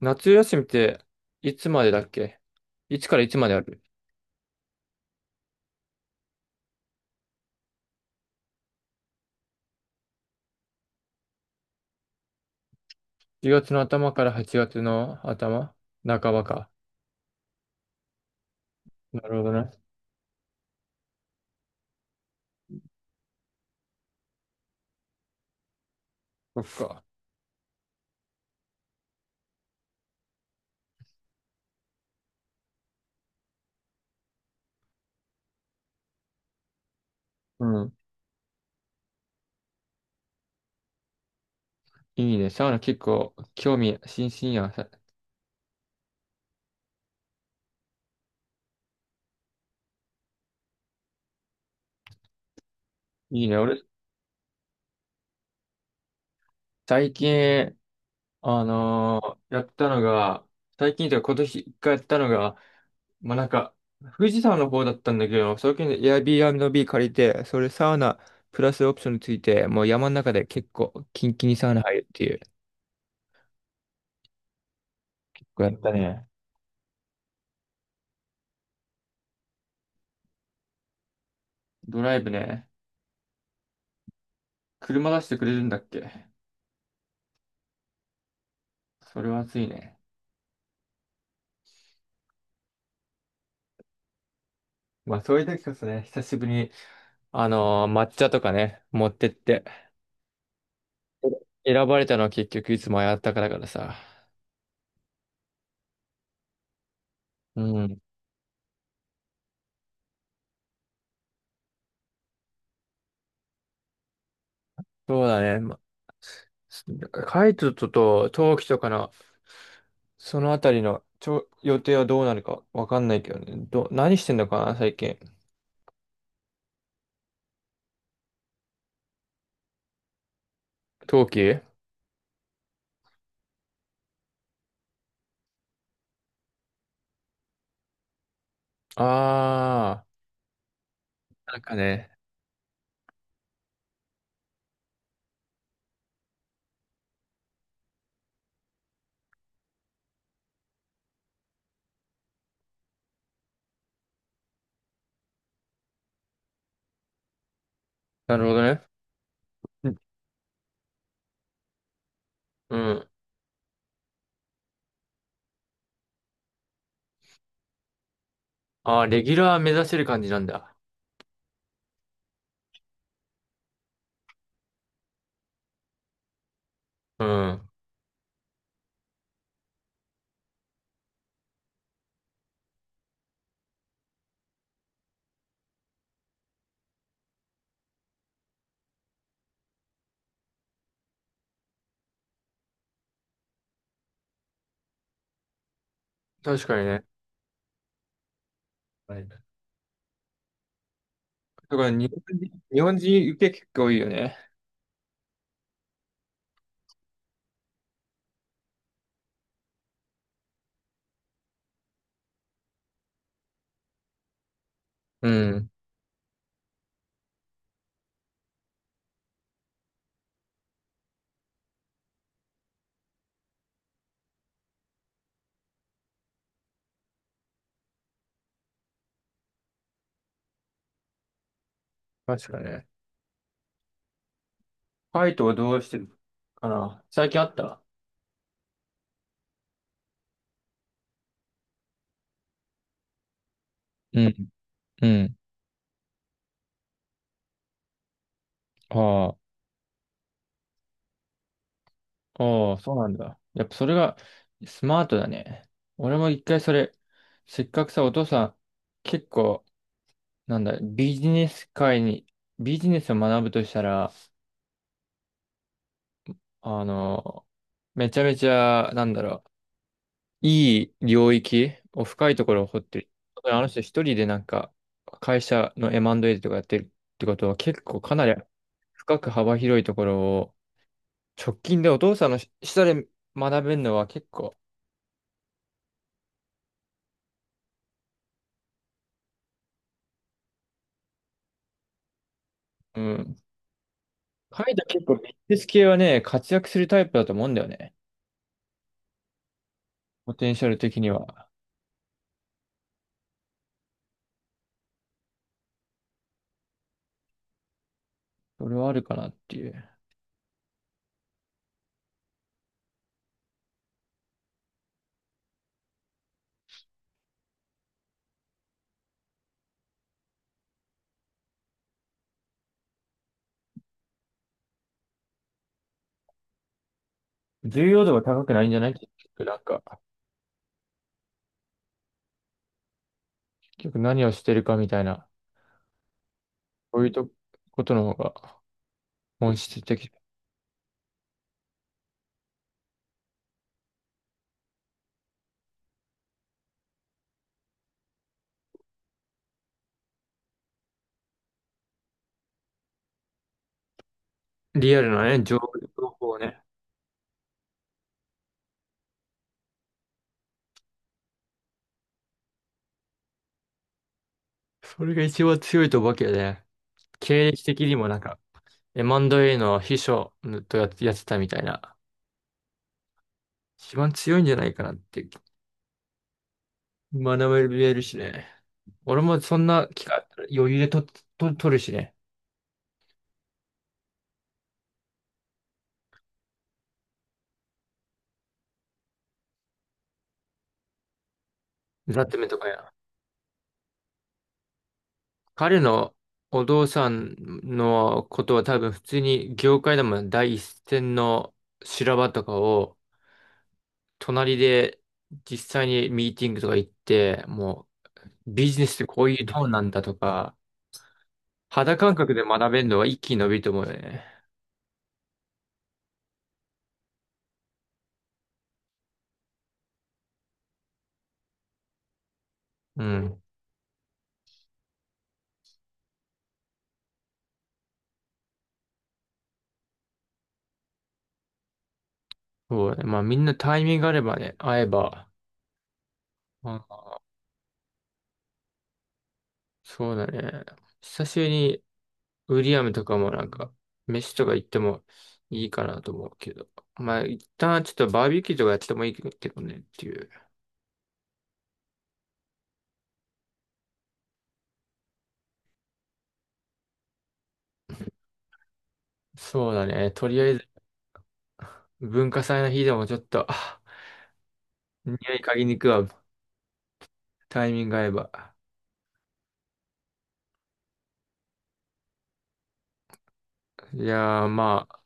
夏休みっていつまでだっけ？いつからいつまである？ 10 月の頭から8月の頭半ばか。なるほどね。そっか。うん。いいね。サウナ結構興味津々やん。いいね。俺、最近、あのやったのが、最近というか今年一回やったのが、まあ、なんか、富士山の方だったんだけど、最近 Airbnb 借りて、それサウナプラスオプションについて、もう山の中で結構キンキンにサウナ入るっていう。こうやったね。ドライブね。車出してくれるんだっけ？それは熱いね。まあそういう時こそね、久しぶりに、抹茶とかね、持ってって。選ばれたのは結局いつもやったからさ。うん。そうだね。ま、カイトと冬季とかの、そのあたりの予定はどうなるかわかんないけどね。何してんのかな、最近。冬季あなんかね。なるほどね。うん。あー、レギュラー目指せる感じなんだ。うん。確かにね。はい。だから日本人受け結構多いよね。うん。確かにね。ファイトはどうしてるかな最近あった？うん、うん。ああ、ああ、そうなんだ。やっぱそれがスマートだね。俺も一回それ、せっかくさ、お父さん、結構、なんだ、ビジネス界に、ビジネスを学ぶとしたら、あの、めちゃめちゃ、なんだろう、いい領域を深いところを掘ってる。だからあの人一人でなんか会社の M&A とかやってるってことは結構かなり深く幅広いところを直近でお父さんの下で学べるのは結構、うん。彼イト結構ビジネス系はね、活躍するタイプだと思うんだよね。ポテンシャル的には。それはあるかなっていう。重要度が高くないんじゃない結局なんか、結局何をしてるかみたいな、そういうとことの方が本質的。リアルなね、情報をね。それが一番強いとわけどね。経歴的にもなんか、M&A の秘書とやってたみたいな。一番強いんじゃないかなって、学べるしね。俺もそんな機会あったら余裕で取るしね。ザッテメとかや。彼のお父さんのことは多分普通に業界でも第一線の修羅場とかを隣で実際にミーティングとか行って、もうビジネスってこういうどうなんだとか、肌感覚で学べるのは一気に伸びると思うよね。うん。そうだね。まあみんなタイミングがあればね、会えば。あ、そうだね。久しぶりにウィリアムとかもなんか、飯とか行ってもいいかなと思うけど。まあ一旦ちょっとバーベキューとかやってもいいけどねっていう。そうだね。とりあえず文化祭の日でもちょっと、あ匂い嗅ぎに行くわ。タイミング合えば。いやーまあ、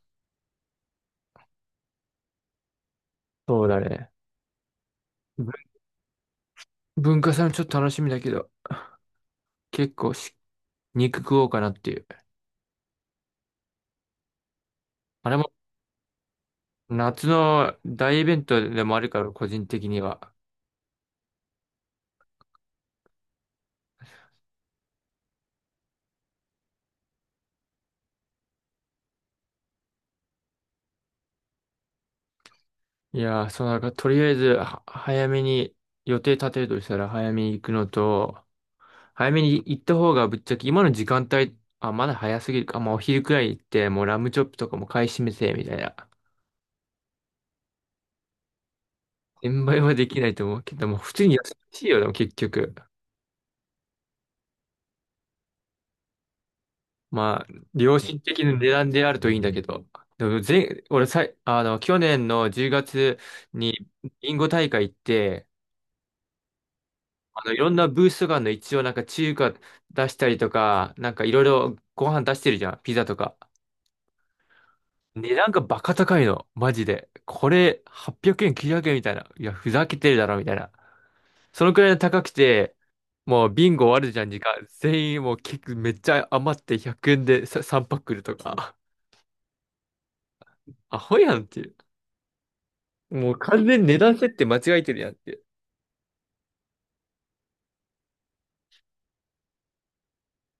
そうだね。ぶ文化祭もちょっと楽しみだけど、結構肉食おうかなっていう。あれも夏の大イベントでもあるから、個人的には。いやー、そうなんか、とりあえず、早めに予定立てるとしたら、早めに行くのと、早めに行った方がぶっちゃけ、今の時間帯、あ、まだ早すぎるか、まあお昼くらい行って、もうラムチョップとかも買い占めて、みたいな。転売はできないと思うけど、もう普通に安いよ、でも結局。まあ、良心的な値段であるといいんだけど。でも、前、俺さい、あの、去年の10月にビンゴ大会行って、あの、いろんなブースとかあるの一応なんか中華出したりとか、なんかいろいろご飯出してるじゃん、ピザとか。値段がバカ高いの、マジで。これ800円、900円みたいな。いや、ふざけてるだろ、みたいな。そのくらい高くて、もうビンゴ終わるじゃん、時間。全員もう結構めっちゃ余って100円でさ3パック来るとか。アホやんっていう。もう完全に値段設定間違えてるやんっていう。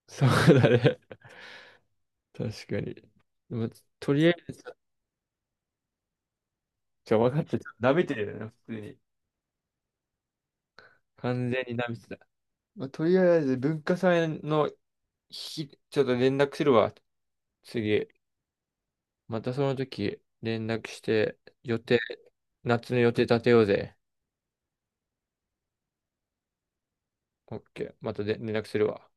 そうだね。確かに。でもとりあえず、じゃ分かった。ちょっと舐めてるよね、普通に。完全にダミスだ。まあ、とりあえず文化祭の日、ちょっと連絡するわ。次。またその時連絡して予定、夏の予定立てようぜ。オッケー。またで連絡するわ。